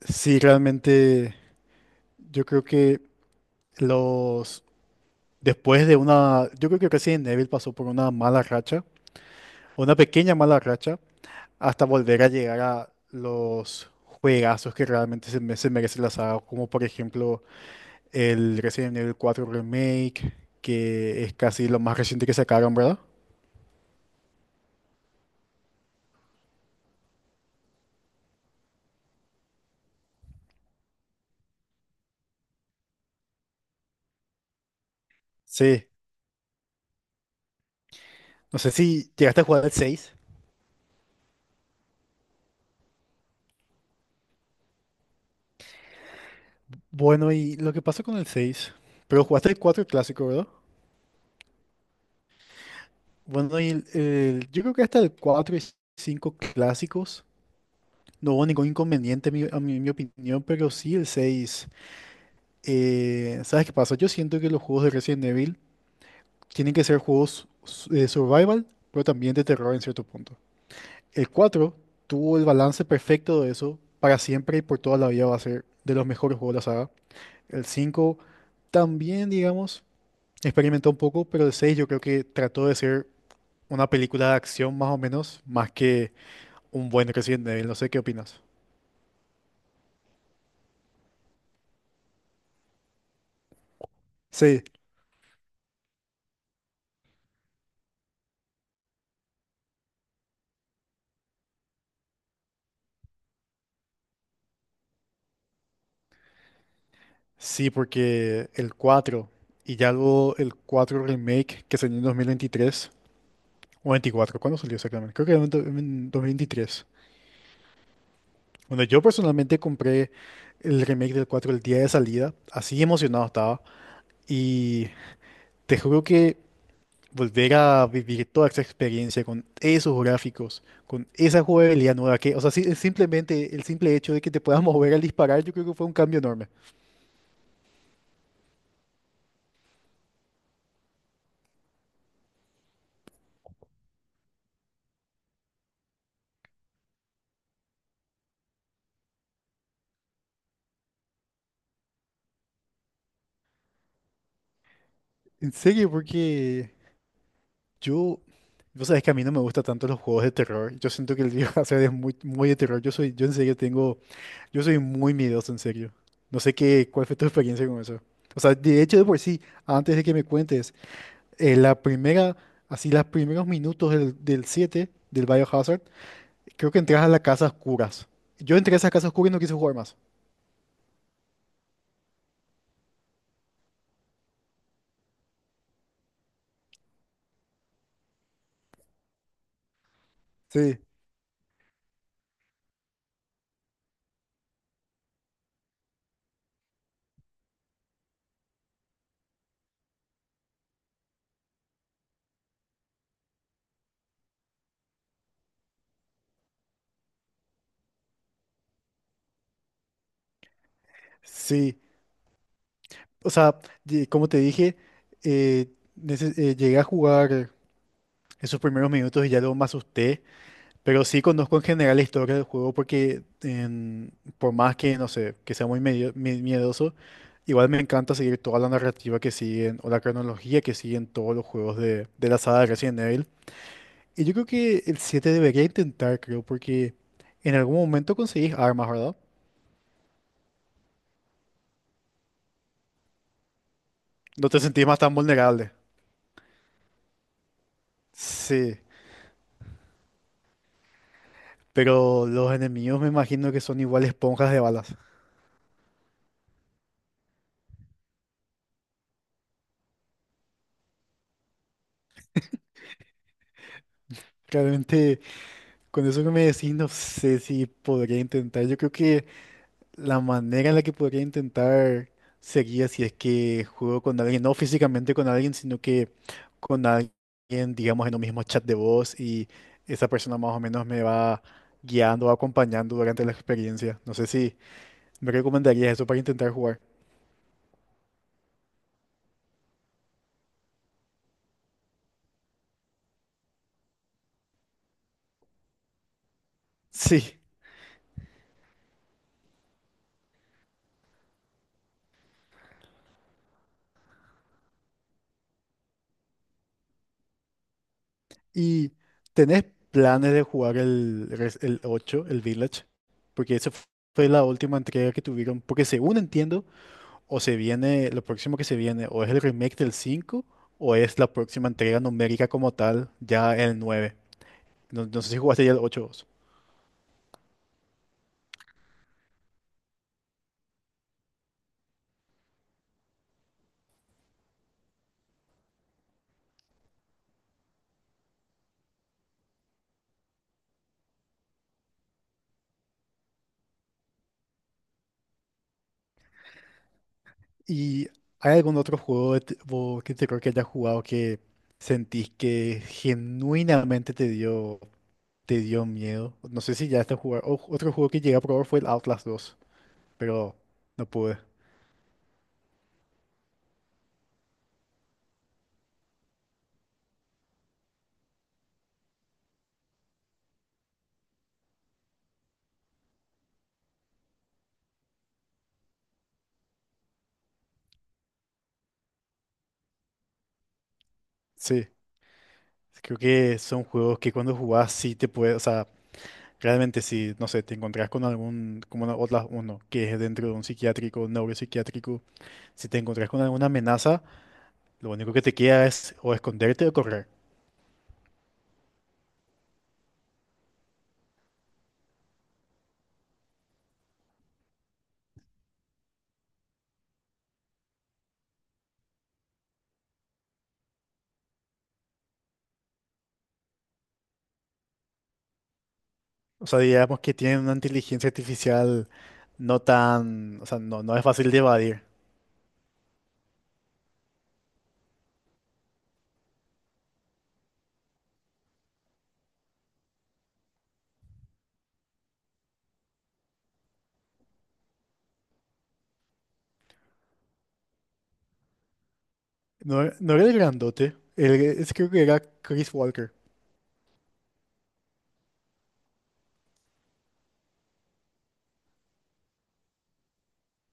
Sí, realmente yo creo que los después de una, yo creo que Resident Evil pasó por una mala racha, una pequeña mala racha, hasta volver a llegar a los juegazos que realmente se merece la saga, como por ejemplo el Resident Evil 4 Remake, que es casi lo más reciente que sacaron, ¿verdad? Sí, no sé si llegaste a jugar el seis. Bueno, y lo que pasó con el seis, pero jugaste el 4 clásico, ¿verdad? Bueno, y yo creo que hasta el 4 y 5 clásicos no hubo ningún inconveniente, a mi opinión, pero sí el seis. ¿Sabes qué pasa? Yo siento que los juegos de Resident Evil tienen que ser juegos de survival, pero también de terror en cierto punto. El 4 tuvo el balance perfecto de eso, para siempre y por toda la vida va a ser de los mejores juegos de la saga. El cinco también, digamos, experimentó un poco, pero el seis yo creo que trató de ser una película de acción más o menos, más que un buen Resident Evil, no sé qué opinas. Sí, sí, porque el 4 y ya luego el cuatro remake que salió en 2023 o 24, ¿cuándo salió exactamente? Creo que era en 2023. Bueno, yo personalmente compré el remake del cuatro el día de salida, así emocionado estaba, y te juro que volver a vivir toda esa experiencia con esos gráficos, con esa jugabilidad nueva que, o sea, simplemente el simple hecho de que te puedas mover al disparar, yo creo que fue un cambio enorme. ¿En serio? Porque yo, vos sabés que a mí no me gustan tanto los juegos de terror. Yo siento que el League of Hazard es muy, muy de terror. Yo en serio tengo, yo soy muy miedoso, en serio. No sé cuál fue tu experiencia con eso. O sea, de hecho, de por sí, antes de que me cuentes, la primera, así, los primeros minutos del 7, del Biohazard, creo que entras a la casa oscuras. Yo entré a esa casa oscura y no quise jugar más. Sí, sí. O sea, como te dije, eh, llegué a jugar esos primeros minutos y ya luego me asusté. Pero sí conozco en general la historia del juego porque por más que, no sé, que sea muy miedoso, igual me encanta seguir toda la narrativa que siguen o la cronología que siguen todos los juegos de la saga de Resident Evil. Y yo creo que el siete debería intentar, creo, porque en algún momento conseguís armas, ¿verdad? No te sentís más tan vulnerable. Sí, pero los enemigos me imagino que son igual esponjas de balas. Realmente, con eso que me decís, no sé si podría intentar. Yo creo que la manera en la que podría intentar sería si es que juego con alguien, no físicamente con alguien, sino que con alguien, digamos, en un mismo chat de voz, y esa persona más o menos me va guiando o acompañando durante la experiencia. No sé si me recomendarías eso para intentar jugar. Sí. ¿Y tenés planes de jugar el, el ocho, el Village? Porque esa fue la última entrega que tuvieron, porque según entiendo, o se viene, lo próximo que se viene, o es el remake del 5 o es la próxima entrega numérica como tal, ya el nueve. No, no sé si jugaste ya el ocho vos. ¿Y hay algún otro juego de vos que te creo que hayas jugado que sentís que genuinamente te dio miedo? No sé si ya estás jugando. Otro juego que llegué a probar fue el Outlast dos, pero no pude. Sí, creo que son juegos que cuando jugás sí te puede, o sea, realmente si, no sé, te encontrás con algún, como otras uno, que es dentro de un psiquiátrico, neuropsiquiátrico, si te encontrás con alguna amenaza, lo único que te queda es o esconderte o correr. O sea, digamos que tienen una inteligencia artificial no tan, o sea, no, no es fácil de evadir. No, no era el grandote, el, es, creo que era Chris Walker.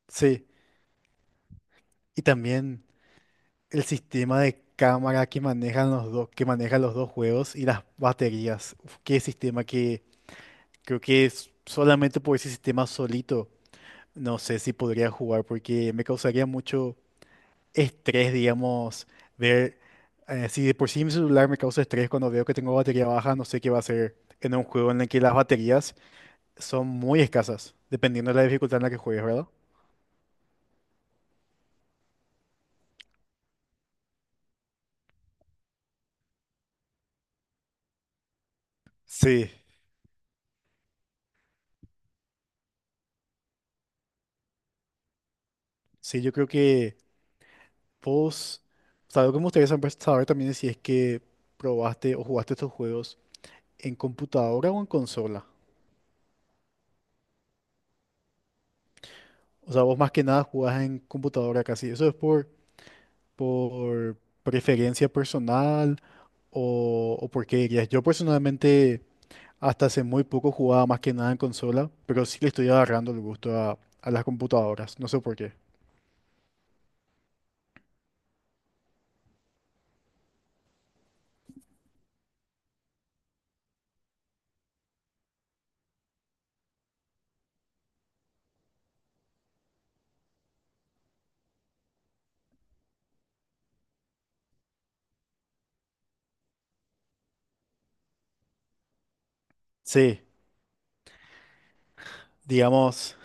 Sí, y también el sistema de cámara que manejan los dos, que manejan los dos juegos y las baterías. Uf, qué sistema que creo que es solamente por ese sistema solito, no sé si podría jugar porque me causaría mucho estrés, digamos, ver, si de por sí mi celular me causa estrés cuando veo que tengo batería baja, no sé qué va a hacer en un juego en el que las baterías son muy escasas, dependiendo de la dificultad en la que juegues, ¿verdad? Sí, sí, yo creo que vos, o sea, algo que me gustaría saber también es si es que probaste o jugaste estos juegos en computadora o en consola. O sea, vos más que nada jugás en computadora casi. ¿Eso es por preferencia personal, o por qué dirías? Yo personalmente hasta hace muy poco jugaba más que nada en consola, pero sí le estoy agarrando el gusto a las computadoras. No sé por qué. Sí, digamos,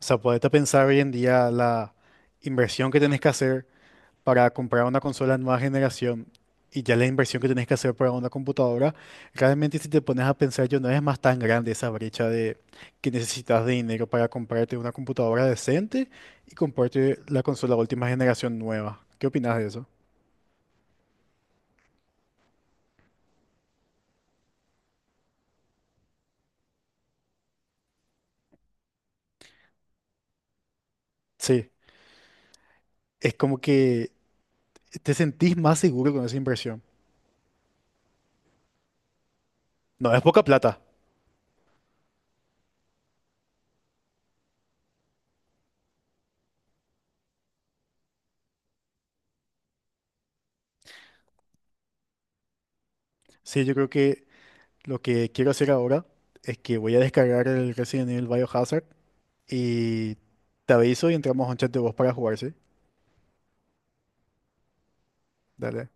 o sea, podete pensar hoy en día la inversión que tenés que hacer para comprar una consola de nueva generación y ya la inversión que tenés que hacer para una computadora, realmente si te pones a pensar yo no es más tan grande esa brecha de que necesitas de dinero para comprarte una computadora decente y comprarte la consola de última generación nueva. ¿Qué opinas de eso? Sí, es como que te sentís más seguro con esa inversión. No, es poca plata. Sí, yo creo que lo que quiero hacer ahora es que voy a descargar el Resident Evil Biohazard y te aviso y entramos a un chat de voz para jugar, ¿sí? Dale.